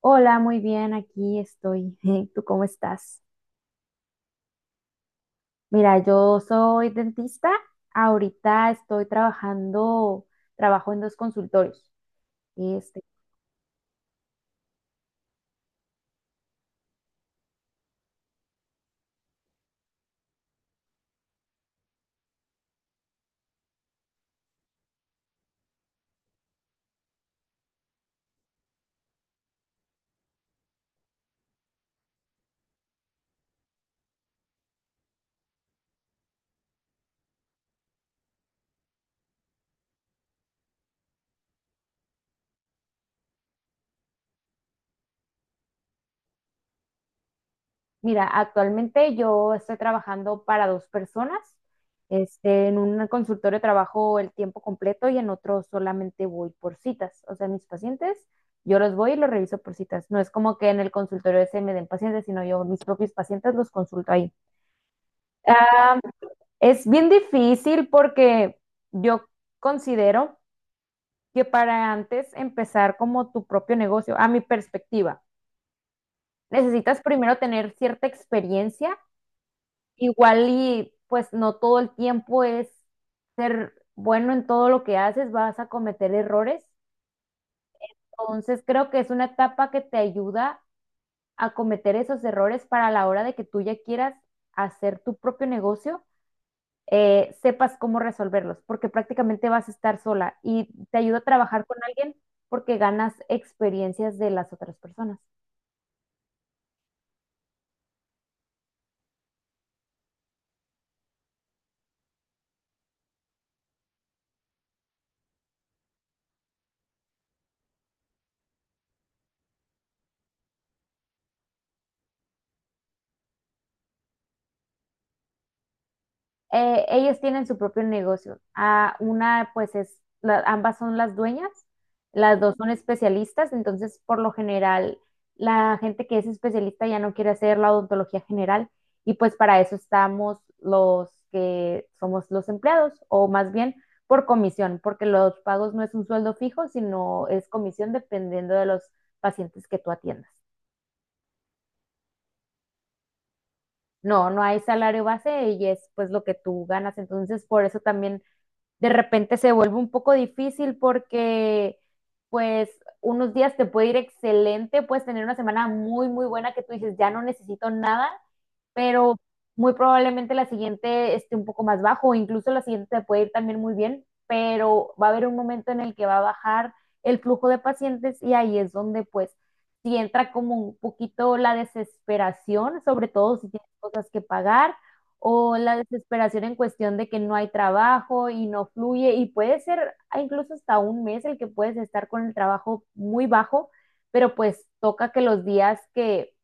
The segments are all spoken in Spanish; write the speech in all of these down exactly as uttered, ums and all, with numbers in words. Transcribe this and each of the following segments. Hola, muy bien, aquí estoy. ¿Tú cómo estás? Mira, yo soy dentista. Ahorita estoy trabajando, trabajo en dos consultorios. Este, mira, actualmente yo estoy trabajando para dos personas. Este, en un consultorio trabajo el tiempo completo y en otro solamente voy por citas. O sea, mis pacientes, yo los voy y los reviso por citas. No es como que en el consultorio ese me den pacientes, sino yo mis propios pacientes los consulto ahí. Ah, Es bien difícil porque yo considero que para antes empezar como tu propio negocio, a mi perspectiva, necesitas primero tener cierta experiencia, igual y pues no todo el tiempo es ser bueno en todo lo que haces, vas a cometer errores. Entonces creo que es una etapa que te ayuda a cometer esos errores para la hora de que tú ya quieras hacer tu propio negocio, eh, sepas cómo resolverlos, porque prácticamente vas a estar sola y te ayuda a trabajar con alguien porque ganas experiencias de las otras personas. Eh, ellas tienen su propio negocio. Ah, una, pues es, la- ambas son las dueñas, las dos son especialistas, entonces por lo general la gente que es especialista ya no quiere hacer la odontología general y pues para eso estamos los que somos los empleados o más bien por comisión, porque los pagos no es un sueldo fijo, sino es comisión dependiendo de los pacientes que tú atiendas. No, no hay salario base y es pues lo que tú ganas, entonces por eso también de repente se vuelve un poco difícil porque pues unos días te puede ir excelente, puedes tener una semana muy, muy buena que tú dices, ya no necesito nada, pero muy probablemente la siguiente esté un poco más bajo, o incluso la siguiente te puede ir también muy bien, pero va a haber un momento en el que va a bajar el flujo de pacientes y ahí es donde pues si entra como un poquito la desesperación, sobre todo si tienes cosas que pagar o la desesperación en cuestión de que no hay trabajo y no fluye y puede ser ah, incluso hasta un mes el que puedes estar con el trabajo muy bajo, pero pues toca que los días que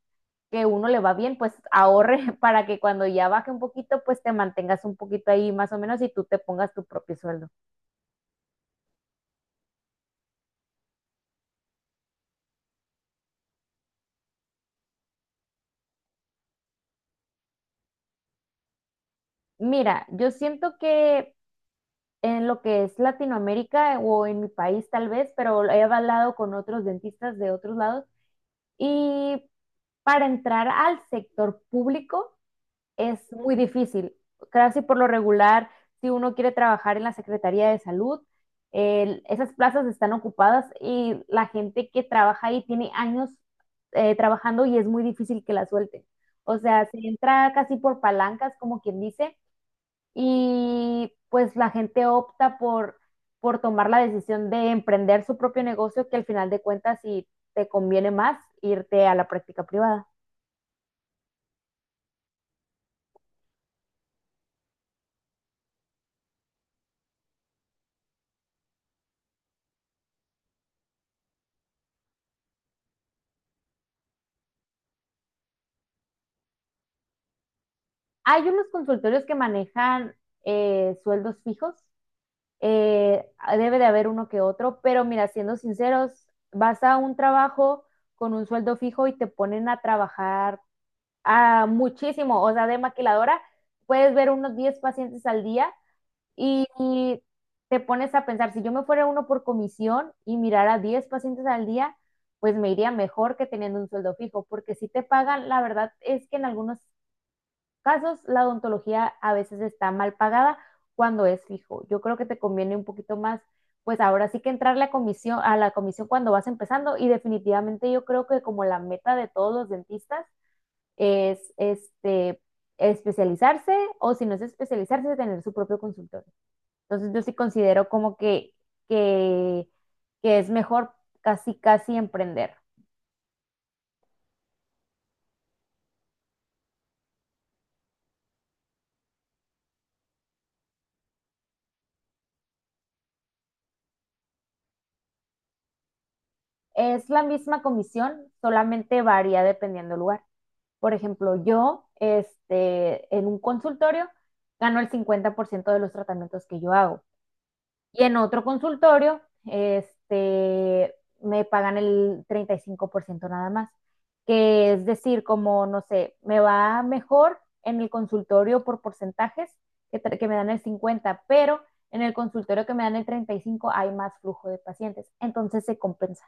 que uno le va bien, pues ahorre para que cuando ya baje un poquito, pues te mantengas un poquito ahí más o menos y tú te pongas tu propio sueldo. Mira, yo siento que en lo que es Latinoamérica eh, o en mi país tal vez, pero he hablado con otros dentistas de otros lados y para entrar al sector público es muy difícil. Casi por lo regular, si uno quiere trabajar en la Secretaría de Salud, el- esas plazas están ocupadas y la gente que trabaja ahí tiene años eh, trabajando y es muy difícil que la suelten. O sea, se entra casi por palancas, como quien dice, y pues la gente opta por, por tomar la decisión de emprender su propio negocio, que al final de cuentas, si te conviene más, irte a la práctica privada. Hay unos consultorios que manejan eh, sueldos fijos, eh, debe de haber uno que otro, pero mira, siendo sinceros, vas a un trabajo con un sueldo fijo y te ponen a trabajar a muchísimo, o sea, de maquiladora, puedes ver unos diez pacientes al día y, y te pones a pensar, si yo me fuera uno por comisión y mirara diez pacientes al día, pues me iría mejor que teniendo un sueldo fijo, porque si te pagan, la verdad es que en algunos casos, la odontología a veces está mal pagada cuando es fijo. Yo creo que te conviene un poquito más, pues ahora sí que entrarle a comisión, a la comisión cuando vas empezando y definitivamente yo creo que como la meta de todos los dentistas es este especializarse o si no es especializarse, tener su propio consultorio. Entonces yo sí considero como que, que, que es mejor casi, casi emprender. Es la misma comisión, solamente varía dependiendo del lugar. Por ejemplo, yo, este, en un consultorio gano el cincuenta por ciento de los tratamientos que yo hago. Y en otro consultorio, este, me pagan el treinta y cinco por ciento nada más. Que es decir, como, no sé, me va mejor en el consultorio por porcentajes que, que me dan el cincuenta, pero en el consultorio que me dan el treinta y cinco hay más flujo de pacientes. Entonces se compensa.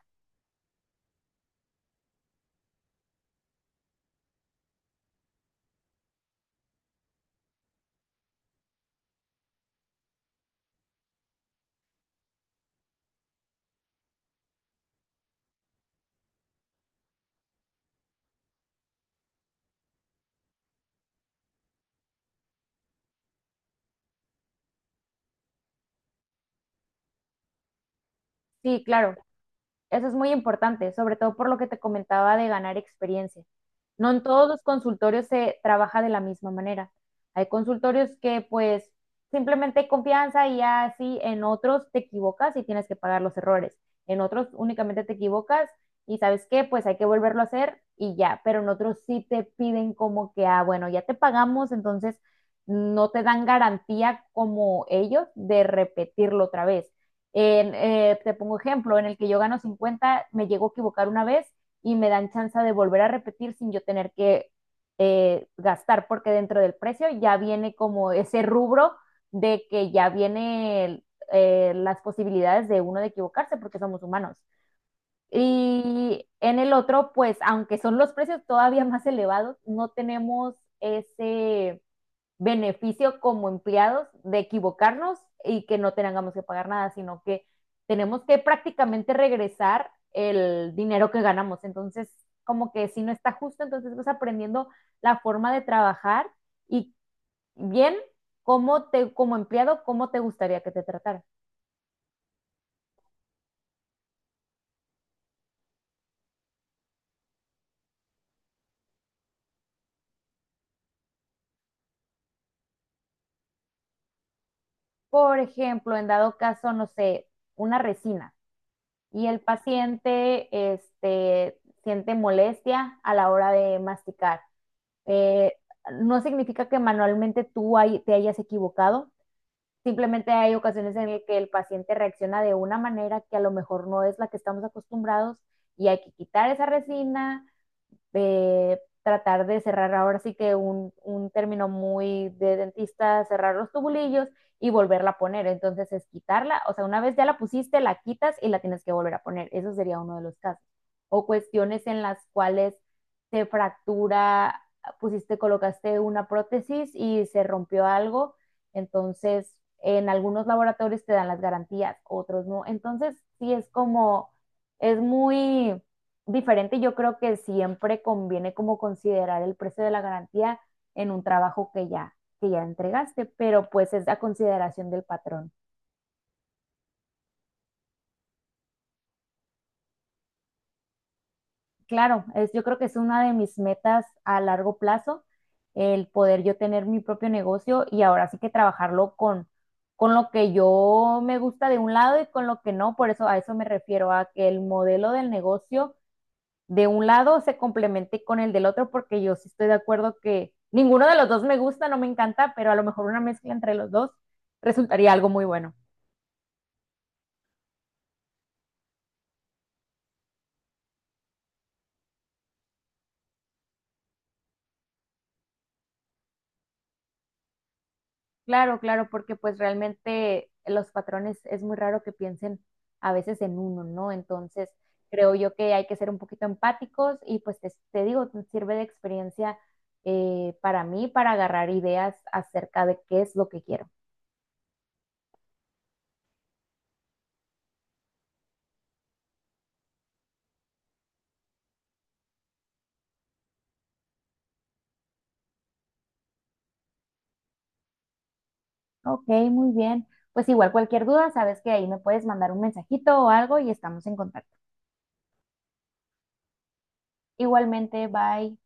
Sí, claro. Eso es muy importante, sobre todo por lo que te comentaba de ganar experiencia. No en todos los consultorios se trabaja de la misma manera. Hay consultorios que pues simplemente hay confianza y ya, así en otros te equivocas y tienes que pagar los errores. En otros únicamente te equivocas y sabes qué, pues hay que volverlo a hacer y ya, pero en otros sí te piden como que, ah, bueno, ya te pagamos, entonces no te dan garantía como ellos de repetirlo otra vez. En, eh, te pongo ejemplo, en el que yo gano cincuenta me llego a equivocar una vez y me dan chance de volver a repetir sin yo tener que eh, gastar, porque dentro del precio ya viene como ese rubro de que ya viene eh, las posibilidades de uno de equivocarse porque somos humanos. Y en el otro, pues aunque son los precios todavía más elevados, no tenemos ese beneficio como empleados de equivocarnos y que no tengamos que pagar nada, sino que tenemos que prácticamente regresar el dinero que ganamos. Entonces, como que si no está justo, entonces vas aprendiendo la forma de trabajar y bien cómo te, como empleado, cómo te gustaría que te tratara. Por ejemplo, en dado caso, no sé, una resina y el paciente este, siente molestia a la hora de masticar. Eh, no significa que manualmente tú hay- te hayas equivocado, simplemente hay ocasiones en las que el paciente reacciona de una manera que a lo mejor no es la que estamos acostumbrados y hay que quitar esa resina, eh, tratar de cerrar ahora sí que un, un término muy de dentista, cerrar los tubulillos y volverla a poner. Entonces es quitarla, o sea, una vez ya la pusiste, la quitas y la tienes que volver a poner. Eso sería uno de los casos. O cuestiones en las cuales se fractura, pusiste, colocaste una prótesis y se rompió algo. Entonces, en algunos laboratorios te dan las garantías, otros no. Entonces, sí es como, es muy diferente. Yo creo que siempre conviene como considerar el precio de la garantía en un trabajo que ya, que ya entregaste, pero pues es a consideración del patrón. Claro, es, yo creo que es una de mis metas a largo plazo, el poder yo tener mi propio negocio y ahora sí que trabajarlo con, con lo que yo me gusta de un lado y con lo que no. Por eso a eso me refiero, a que el modelo del negocio de un lado se complemente con el del otro, porque yo sí estoy de acuerdo que ninguno de los dos me gusta, no me encanta, pero a lo mejor una mezcla entre los dos resultaría algo muy bueno. Claro, claro, porque pues realmente los patrones es muy raro que piensen a veces en uno, ¿no? Entonces, creo yo que hay que ser un poquito empáticos y pues te, te digo, te sirve de experiencia eh, para mí para agarrar ideas acerca de qué es lo que quiero. Ok, muy bien. Pues igual cualquier duda, sabes que ahí me puedes mandar un mensajito o algo y estamos en contacto. Igualmente, bye.